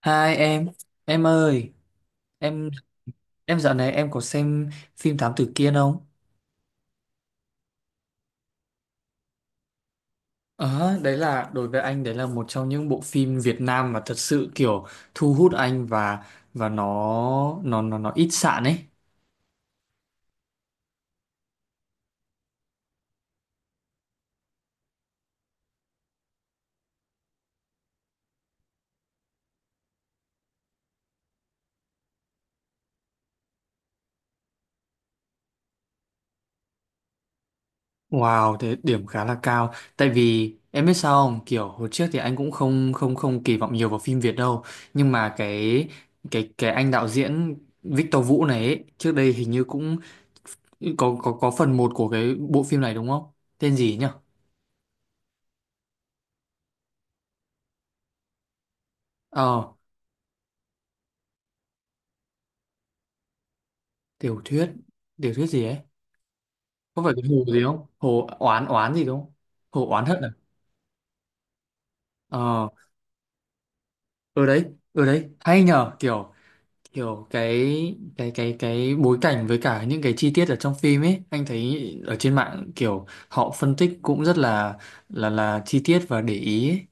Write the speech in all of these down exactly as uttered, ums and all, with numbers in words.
Hai em, em ơi, em em dạo này em có xem phim Thám Tử Kiên không? Ờ, đấy là đối với anh đấy là một trong những bộ phim Việt Nam mà thật sự kiểu thu hút anh và và nó nó nó nó ít sạn ấy. Wow, thế điểm khá là cao. Tại vì em biết sao không, kiểu hồi trước thì anh cũng không không không kỳ vọng nhiều vào phim Việt đâu, nhưng mà cái cái cái anh đạo diễn Victor Vũ này ấy, trước đây hình như cũng có có có phần một của cái bộ phim này đúng không? Tên gì nhỉ? Ờ, tiểu thuyết, tiểu thuyết gì ấy? Có phải cái hồ gì không? Hồ oán oán gì đúng không? Hồ oán hận à? Ờ, ở đấy, ở đấy, hay nhờ, kiểu kiểu cái cái cái cái bối cảnh với cả những cái chi tiết ở trong phim ấy, anh thấy ở trên mạng kiểu họ phân tích cũng rất là là là chi tiết và để ý ấy.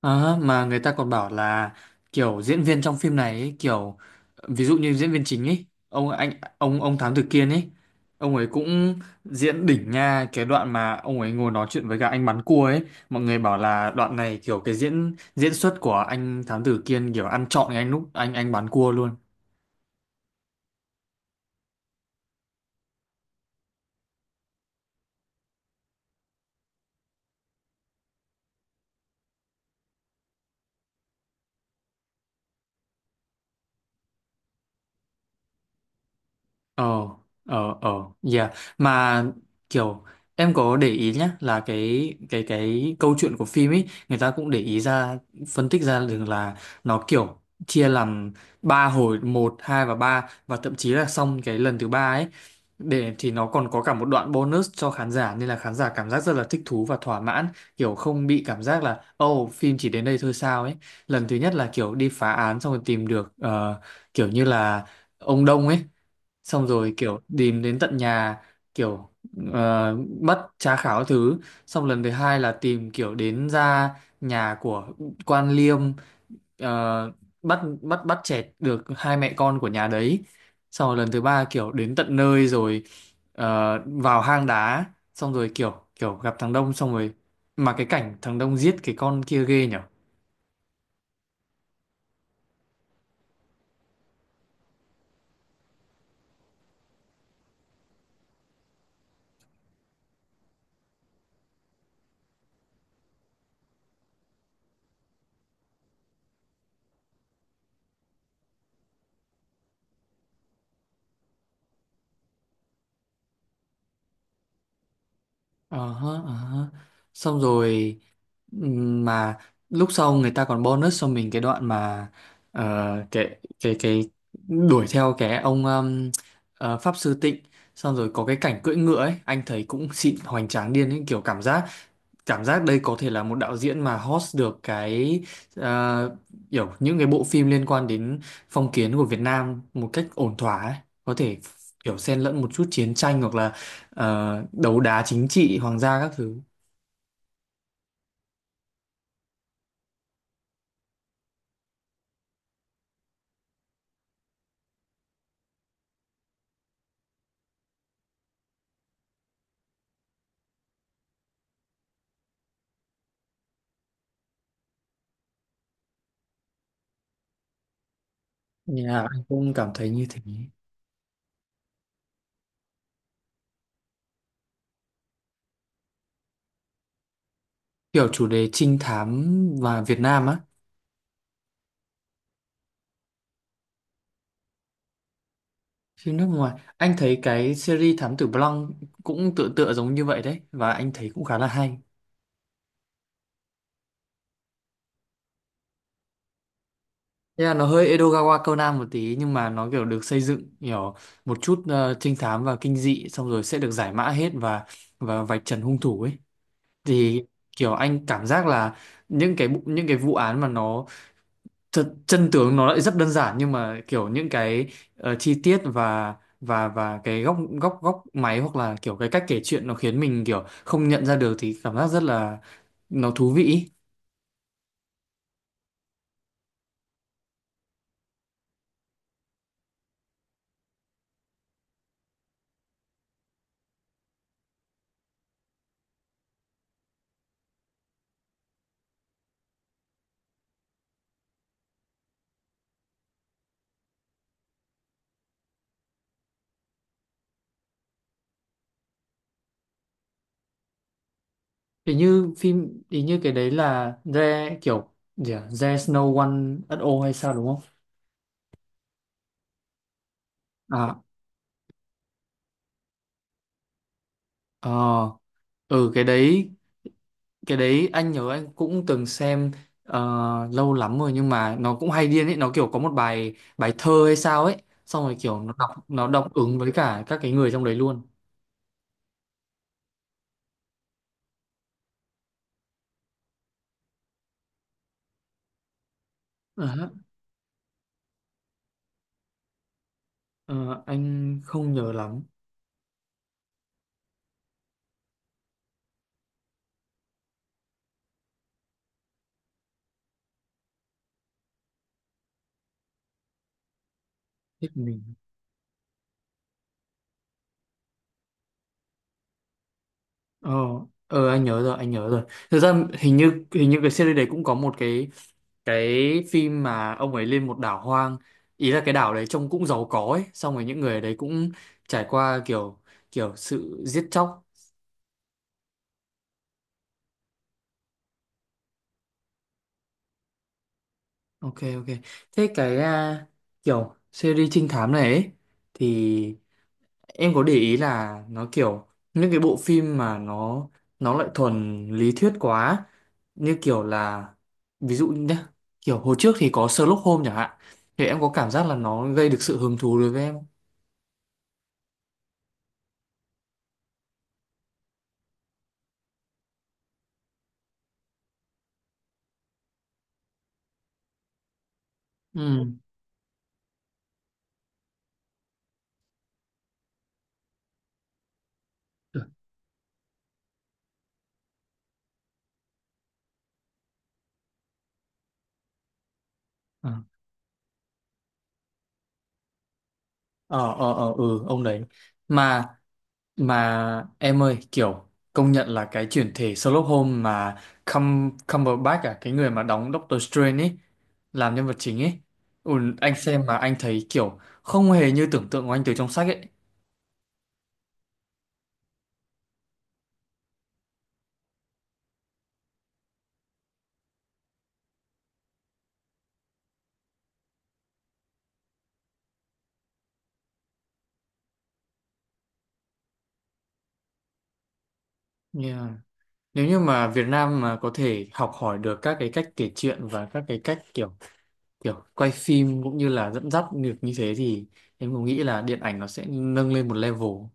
Ờ, mà người ta còn bảo là kiểu diễn viên trong phim này ấy, kiểu ví dụ như diễn viên chính ấy ông anh ông ông Thám Tử Kiên ấy ông ấy cũng diễn đỉnh nha cái đoạn mà ông ấy ngồi nói chuyện với cả anh bán cua ấy mọi người bảo là đoạn này kiểu cái diễn diễn xuất của anh Thám Tử Kiên kiểu ăn trọn cái anh lúc anh anh bán cua luôn. Ờ, ờ, ờ, yeah. Mà kiểu em có để ý nhá là cái cái cái câu chuyện của phim ấy người ta cũng để ý ra phân tích ra được là nó kiểu chia làm ba hồi một hai và ba và thậm chí là xong cái lần thứ ba ấy để thì nó còn có cả một đoạn bonus cho khán giả nên là khán giả cảm giác rất là thích thú và thỏa mãn kiểu không bị cảm giác là oh phim chỉ đến đây thôi sao ấy lần thứ nhất là kiểu đi phá án xong rồi tìm được ờ, kiểu như là ông Đông ấy xong rồi kiểu tìm đến tận nhà kiểu ờ, bắt tra khảo các thứ xong lần thứ hai là tìm kiểu đến ra nhà của quan liêm, ờ, bắt bắt bắt chẹt được hai mẹ con của nhà đấy xong rồi lần thứ ba kiểu đến tận nơi rồi ờ, vào hang đá xong rồi kiểu kiểu gặp thằng Đông xong rồi mà cái cảnh thằng Đông giết cái con kia ghê nhở. Ờ hớ, ờ hớ, xong rồi. Ừm, mà lúc sau người ta còn bonus cho mình cái đoạn mà ờ, cái cái cái đuổi theo cái ông um, ờ, pháp sư Tịnh xong rồi có cái cảnh cưỡi ngựa ấy anh thấy cũng xịn hoành tráng điên ấy kiểu cảm giác cảm giác đây có thể là một đạo diễn mà host được cái ờ, kiểu những cái bộ phim liên quan đến phong kiến của Việt Nam một cách ổn thỏa ấy có thể kiểu xen lẫn một chút chiến tranh hoặc là ờ, đấu đá chính trị hoàng gia các thứ. Nhà anh cũng cảm thấy như thế. Kiểu chủ đề trinh thám và Việt Nam á, phim nước ngoài anh thấy cái series Thám Tử Blanc cũng tựa tựa giống như vậy đấy và anh thấy cũng khá là hay. Thế là nó hơi Edogawa Conan một tí nhưng mà nó kiểu được xây dựng kiểu một chút ờ, trinh thám và kinh dị xong rồi sẽ được giải mã hết và và vạch trần hung thủ ấy thì kiểu anh cảm giác là những cái bu- những cái vụ án mà nó Thật, chân tướng nó lại rất đơn giản nhưng mà kiểu những cái ờ, chi tiết và và và cái góc góc góc máy hoặc là kiểu cái cách kể chuyện nó khiến mình kiểu không nhận ra được thì cảm giác rất là nó thú vị ý. Thì như phim thì như cái đấy là The kiểu gì à? There's no one at all hay sao đúng không? À, ờ, ừ, cái đấy cái đấy anh nhớ anh cũng từng xem ờ, lâu lắm rồi nhưng mà nó cũng hay điên ấy nó kiểu có một bài bài thơ hay sao ấy xong rồi kiểu nó đọc nó đọc ứng với cả các cái người trong đấy luôn. Ờ, hả? Ờ, anh không nhớ lắm thích mình. Ờ, ờ, anh nhớ rồi anh nhớ rồi, thực ra hình như hình như cái series đấy cũng có một cái cái phim mà ông ấy lên một đảo hoang ý là cái đảo đấy trông cũng giàu có ấy xong rồi những người ở đấy cũng trải qua kiểu kiểu sự giết chóc. Ok, ok. Thế cái à, kiểu series trinh thám này ấy, thì em có để ý là nó kiểu những cái bộ phim mà nó nó lại thuần lý thuyết quá như kiểu là ví dụ nhé kiểu hồi trước thì có Sherlock Holmes chẳng hạn thì em có cảm giác là nó gây được sự hứng thú đối với em không? Ừ. Được. À. Ờ, ờ, ờ, ừ, ông đấy mà mà em ơi kiểu công nhận là cái chuyển thể Sherlock Holmes mà Cum Cumberbatch à cái người mà đóng Doctor Strange ấy làm nhân vật chính ấy ừ, anh xem mà anh thấy kiểu không hề như tưởng tượng của anh từ trong sách ấy. Yeah. Nếu như mà Việt Nam mà có thể học hỏi được các cái cách kể chuyện và các cái cách kiểu kiểu quay phim cũng như là dẫn dắt được như thế thì em cũng nghĩ là điện ảnh nó sẽ nâng lên một level.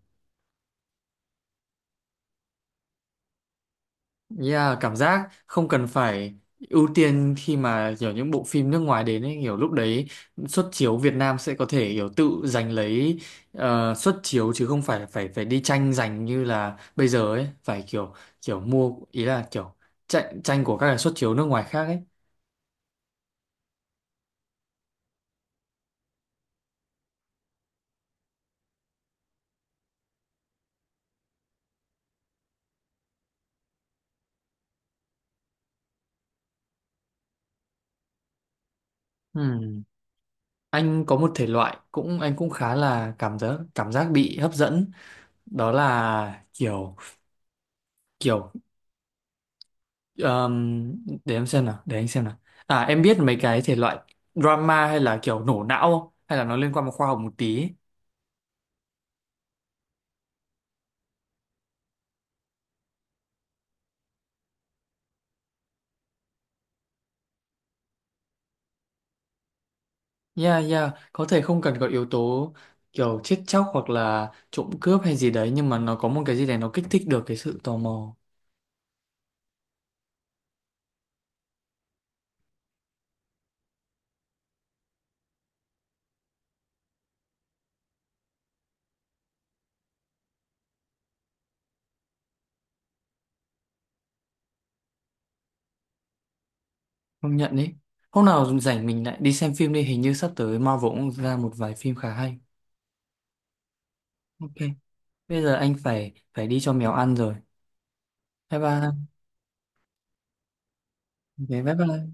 Yeah, cảm giác không cần phải ưu tiên khi mà kiểu những bộ phim nước ngoài đến ấy, kiểu lúc đấy xuất chiếu Việt Nam sẽ có thể kiểu tự giành lấy ờ, suất chiếu chứ không phải phải phải đi tranh giành như là bây giờ ấy, phải kiểu kiểu mua ý là kiểu tranh tranh của các cái xuất chiếu nước ngoài khác ấy. Ừm, Anh có một thể loại cũng anh cũng khá là cảm giác cảm giác bị hấp dẫn đó là kiểu kiểu Ờm, để em xem nào, để anh xem nào. À em biết mấy cái thể loại drama hay là kiểu nổ não không? Hay là nó liên quan một khoa học một tí ấy? Yeah, yeah, có thể không cần có yếu tố kiểu chết chóc hoặc là trộm cướp hay gì đấy nhưng mà nó có một cái gì đấy nó kích thích được cái sự tò mò. Công nhận đấy. Hôm nào rảnh mình lại đi xem phim đi, hình như sắp tới Marvel cũng ra một vài phim khá hay. Ok, bây giờ anh phải phải đi cho mèo ăn rồi. Bye bye. Ok, bye bye.